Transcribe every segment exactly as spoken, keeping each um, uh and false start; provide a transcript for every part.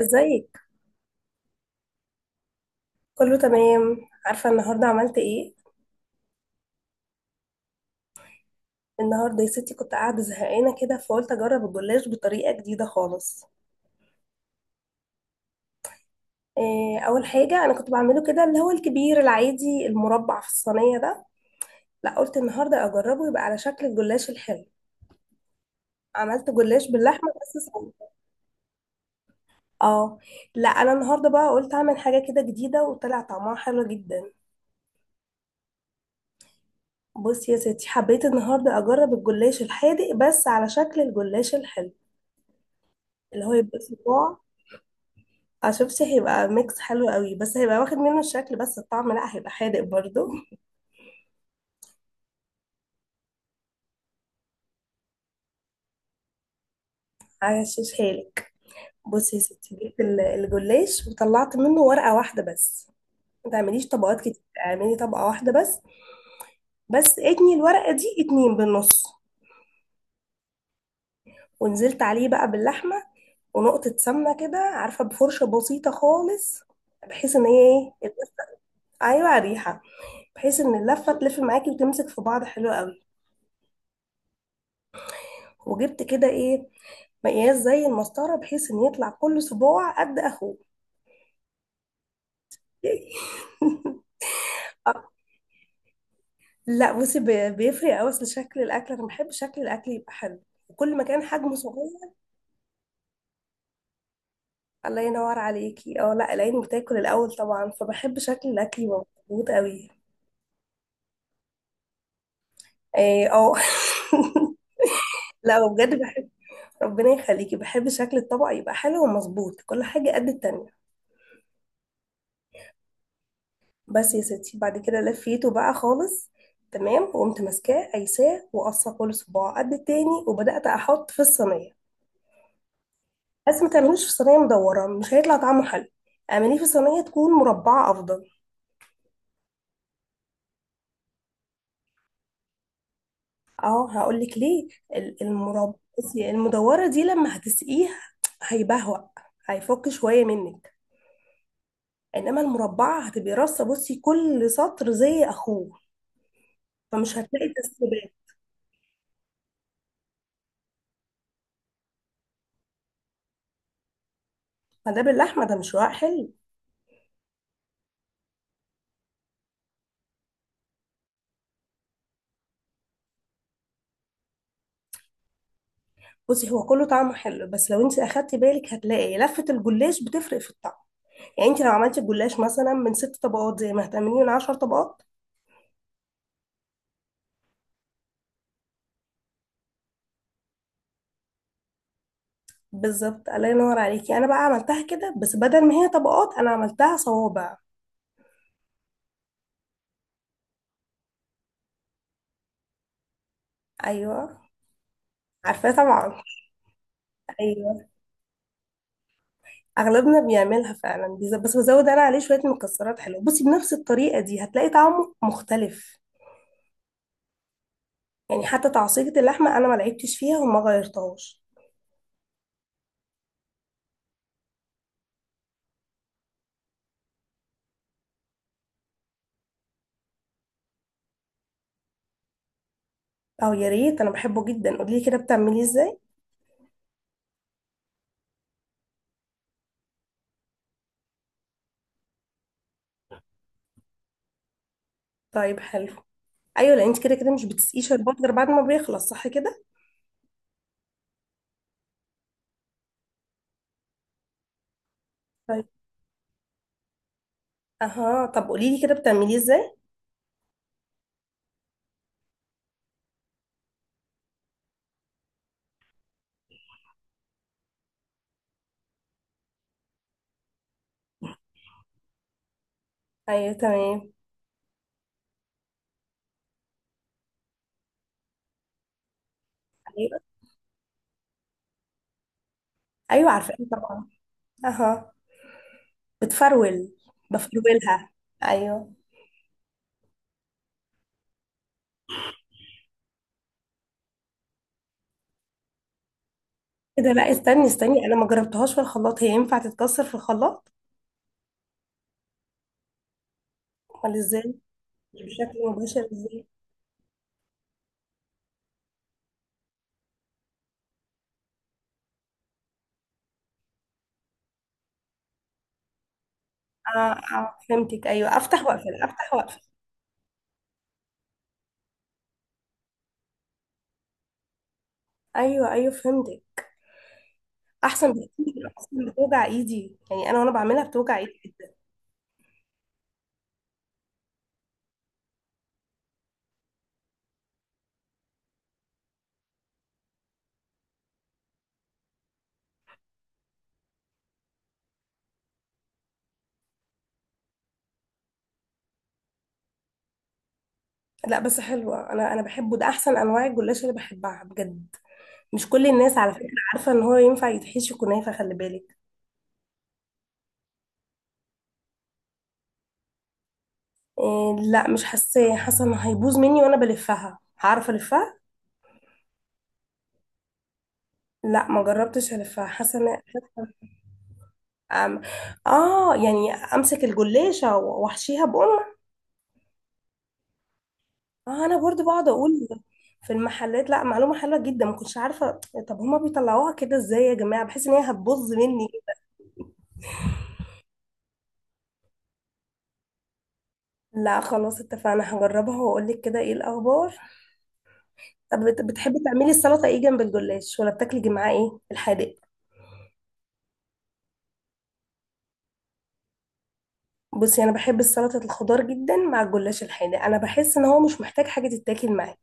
ازيك؟ كله تمام. عارفه النهارده عملت ايه؟ النهارده يا ستي كنت قاعده زهقانه كده، فقلت اجرب الجلاش بطريقه جديده خالص. إيه؟ اول حاجه انا كنت بعمله كده اللي هو الكبير العادي المربع في الصينيه ده. لا، قلت النهارده اجربه يبقى على شكل الجلاش الحلو. عملت جلاش باللحمه بس صغير. اه لا، انا النهارده بقى قلت اعمل حاجه كده جديده، وطلع طعمها حلو جدا. بصي يا ستي، حبيت النهارده اجرب الجلاش الحادق بس على شكل الجلاش الحلو، اللي هو يبقى صباع. اه شفتي، هيبقى ميكس حلو قوي، بس هيبقى واخد منه الشكل بس، الطعم لا، هيبقى حادق برضو. هغشش حالك. بصي يا ستي، جبت ال- الجلاش وطلعت منه ورقة واحدة بس. ما تعمليش طبقات كتير، اعملي طبقة واحدة بس. بس اتني الورقة دي اتنين بالنص. ونزلت عليه بقى باللحمة، ونقطة سمنة كده، عارفة، بفرشة بسيطة خالص، بحيث ان هي... ايه؟ ايوه، ريحة. بحيث ان اللفة تلف معاكي وتمسك في بعض حلو قوي. وجبت كده ايه، مقياس زي المسطرة، بحيث ان يطلع كل صباع قد اخوه. لا بصي، بي- بيفرق قوي، اصل شكل الاكل، انا بحب شكل الاكل يبقى حلو، وكل ما كان حجمه صغير. الله ينور عليكي. اه لا، العين بتاكل الاول طبعا، فبحب شكل الاكل يبقى مظبوط قوي. إيه، اه. لا بجد بحب. ربنا يخليكي، بحب شكل الطبق يبقى حلو ومظبوط، كل حاجة قد التانية. بس يا ستي، بعد كده لفيته بقى خالص تمام، وقمت ماسكاه قايساه وقصه كل صباع قد التاني، وبدات احط في الصينيه. بس ما تعملوش في صينيه مدوره، مش هيطلع طعمه حلو، اعمليه في صينيه تكون مربعه افضل. اه هقول لك ليه. ال- المرب بصي، المدوره دي لما هتسقيها هيبهوأ، هيفك شويه منك. انما المربعه هتبقي رصه، بصي كل سطر زي اخوه، فمش هتلاقي تسريبات. ما ده باللحمه، ده مش رواق حلو. بصي هو كله طعمه حلو، بس لو انت اخدتي بالك هتلاقي لفة الجلاش بتفرق في الطعم. يعني انت لو عملتي الجلاش مثلا من ست طبقات زي ما هتعمليه من عشر طبقات. بالظبط، الله ينور عليكي. انا بقى عملتها كده، بس بدل ما هي طبقات، انا عملتها صوابع. ايوه عارفاه طبعا. ايوه. اغلبنا بيعملها فعلا، بيز- بس بزود انا عليه شويه مكسرات حلوه، بصي بنفس الطريقه دي هتلاقي طعمه مختلف. يعني حتى تعصيجة اللحمه انا ما لعبتش فيها وما غيرتهاش. اه يا ريت، انا بحبه جدا. قولي لي كده بتعمليه ازاي؟ طيب حلو. ايوه، لان انت كده كده مش بتسقيه شربات غير بعد ما بيخلص، صح كده؟ طيب. اها، طب قولي لي كده بتعمليه ازاي؟ ايوه تمام. ايوه، ايوه، عارفاه طبعا. اها. بتفرول؟ بفرولها. ايوه. كده؟ لا استني استني، انا ما جربتهاش في الخلاط، هي ينفع تتكسر في الخلاط؟ امال ازاي؟ بشكل مباشر ازاي؟ اه. اه فهمتك، ايوه افتح واقفل افتح واقفل. ايوه ايوه فهمتك. احسن بكتير، اصلا بتوجع ايدي، يعني انا وانا بعملها بتوجع ايدي. لا بس حلوة، انا انا بحبه، ده احسن انواع الجلاش اللي بحبها بجد، مش كل الناس على فكرة. عارفة ان هو ينفع يتحشي كنافة؟ خلي بالك. إيه؟ لا مش حاساه، حاسة ان هيبوظ مني وانا بلفها، هعرف الفها؟ لا ما جربتش الفها، حاسة ان... أم... اه، يعني امسك الجلاشة واحشيها بقوم؟ آه انا برضو بقعد اقول في المحلات. لا، معلومة حلوة جدا، ما كنتش عارفة. طب هما بيطلعوها كده ازاي يا جماعة، بحيث ان هي هتبوظ مني. لا خلاص، اتفقنا، هجربها واقول لك كده ايه الاخبار. طب بت- بتحبي تعملي السلطة ايه جنب الجلاش؟ ولا بتاكلي معاه ايه الحادق؟ بصي انا بحب السلطة الخضار جدا مع الجلاش الحادق، انا بحس ان هو مش محتاج حاجة تتاكل معاه.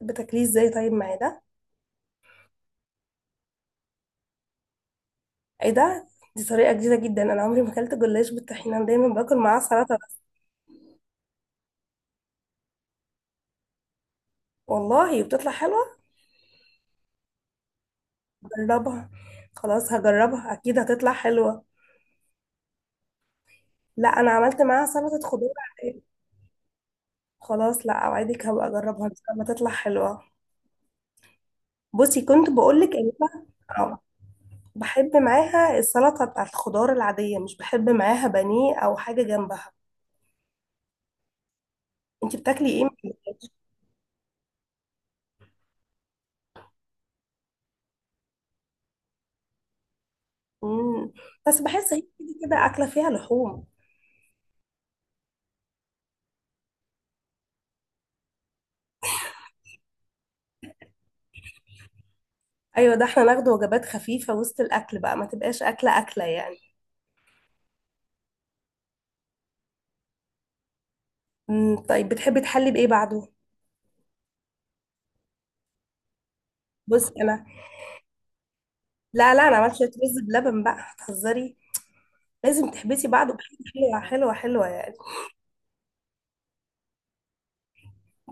بتاكليه ازاي طيب مع ده؟ ايه ده؟ دي طريقة جديدة جدا، انا عمري ما اكلت جلاش بالطحينة، انا دايما باكل معاه سلطة بس. والله بتطلع حلوة. جربها. خلاص هجربها، اكيد هتطلع حلوة. لا انا عملت معاها سلطة خضار عادية. خلاص، لا اوعدك هبقى اجربها ان شاء الله تطلع حلوة. بصي كنت بقولك ان أنا... آه. بحب معاها السلطة بتاعت الخضار العادية، مش بحب معاها بانيه أو حاجة جنبها. انتي بتاكلي ايه؟ مم. بس بحس هي كده كده أكلة فيها لحوم. أيوة، ده احنا ناخد وجبات خفيفة وسط الأكل بقى، ما تبقاش أكلة أكلة يعني. مم. طيب بتحبي تحلي بإيه بعده؟ بص أنا... لا لا، أنا عملت شوية رز بلبن بقى، هتهزري، لازم تحبسي بعده بحاجة حلوة حلوة حلوة يعني.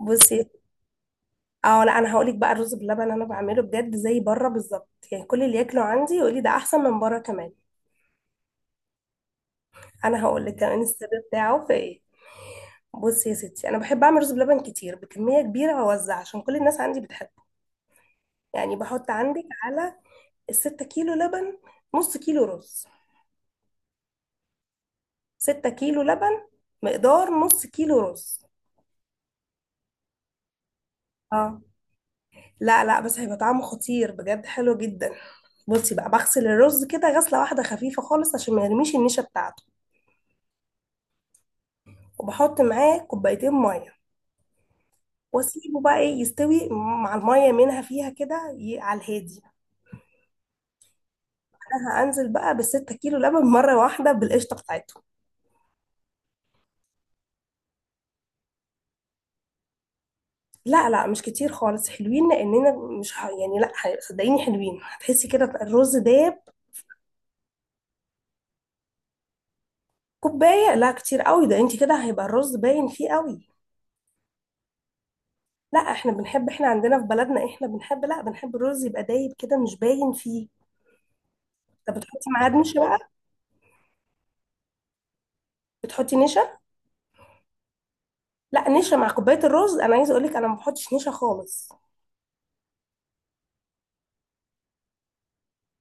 بصي، اه لا، انا هقولك بقى الرز بلبن انا بعمله بجد زي بره بالظبط، يعني كل اللي ياكله عندي يقولي ده احسن من بره كمان. انا هقول لك كمان السر بتاعه في ايه. بصي يا ستي، انا بحب اعمل رز بلبن كتير بكميه كبيره واوزع، عشان كل الناس عندي بتحبه. يعني بحط عندك على الستة كيلو لبن، نص كيلو رز. ستة كيلو لبن، مقدار نص كيلو رز. اه. لا لا، بس هيبقى طعمه خطير بجد، حلو جدا. بصي بقى، بغسل الرز كده غسله واحده خفيفه خالص عشان ما يرميش النشا بتاعته، وبحط معاه كوبايتين ميه، واسيبه بقى ايه يستوي مع الميه منها فيها كده، ي- على الهادي. انا هنزل بقى بالستة كيلو لبن مرة واحدة بالقشطة بتاعتهم. لا لا، مش كتير خالص، حلوين، لأننا مش ه... يعني لا، ه- صدقيني حلوين، هتحسي كده الرز داب. كوباية؟ لا كتير قوي، ده انت كده هيبقى الرز باين فيه قوي. لا، احنا بنحب، احنا عندنا في بلدنا احنا بنحب، لا بنحب الرز يبقى دايب كده مش باين فيه. طب بتحطي معاه نشا بقى؟ بتحطي نشا؟ لا، نشا مع كوباية الرز، انا عايزة اقولك انا ما بحطش نشا خالص.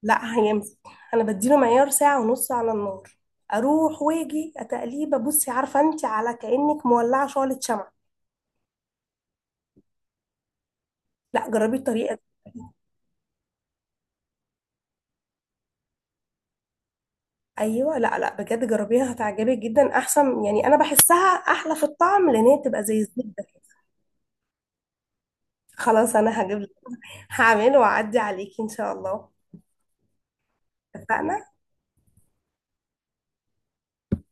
لا، هيمسك. انا بديله معيار ساعه ونص على النار، اروح واجي اتقليبه، بصي عارفه انت، على كانك مولعه شعله شمع. لا جربي الطريقه دي. ايوه، لا لا، بجد جربيها، هتعجبك جدا، احسن، يعني انا بحسها احلى في الطعم، لان هي بتبقى زي الزبده كده. خلاص انا هجيب لك. هعمله واعدي عليكي ان شاء الله. اتفقنا.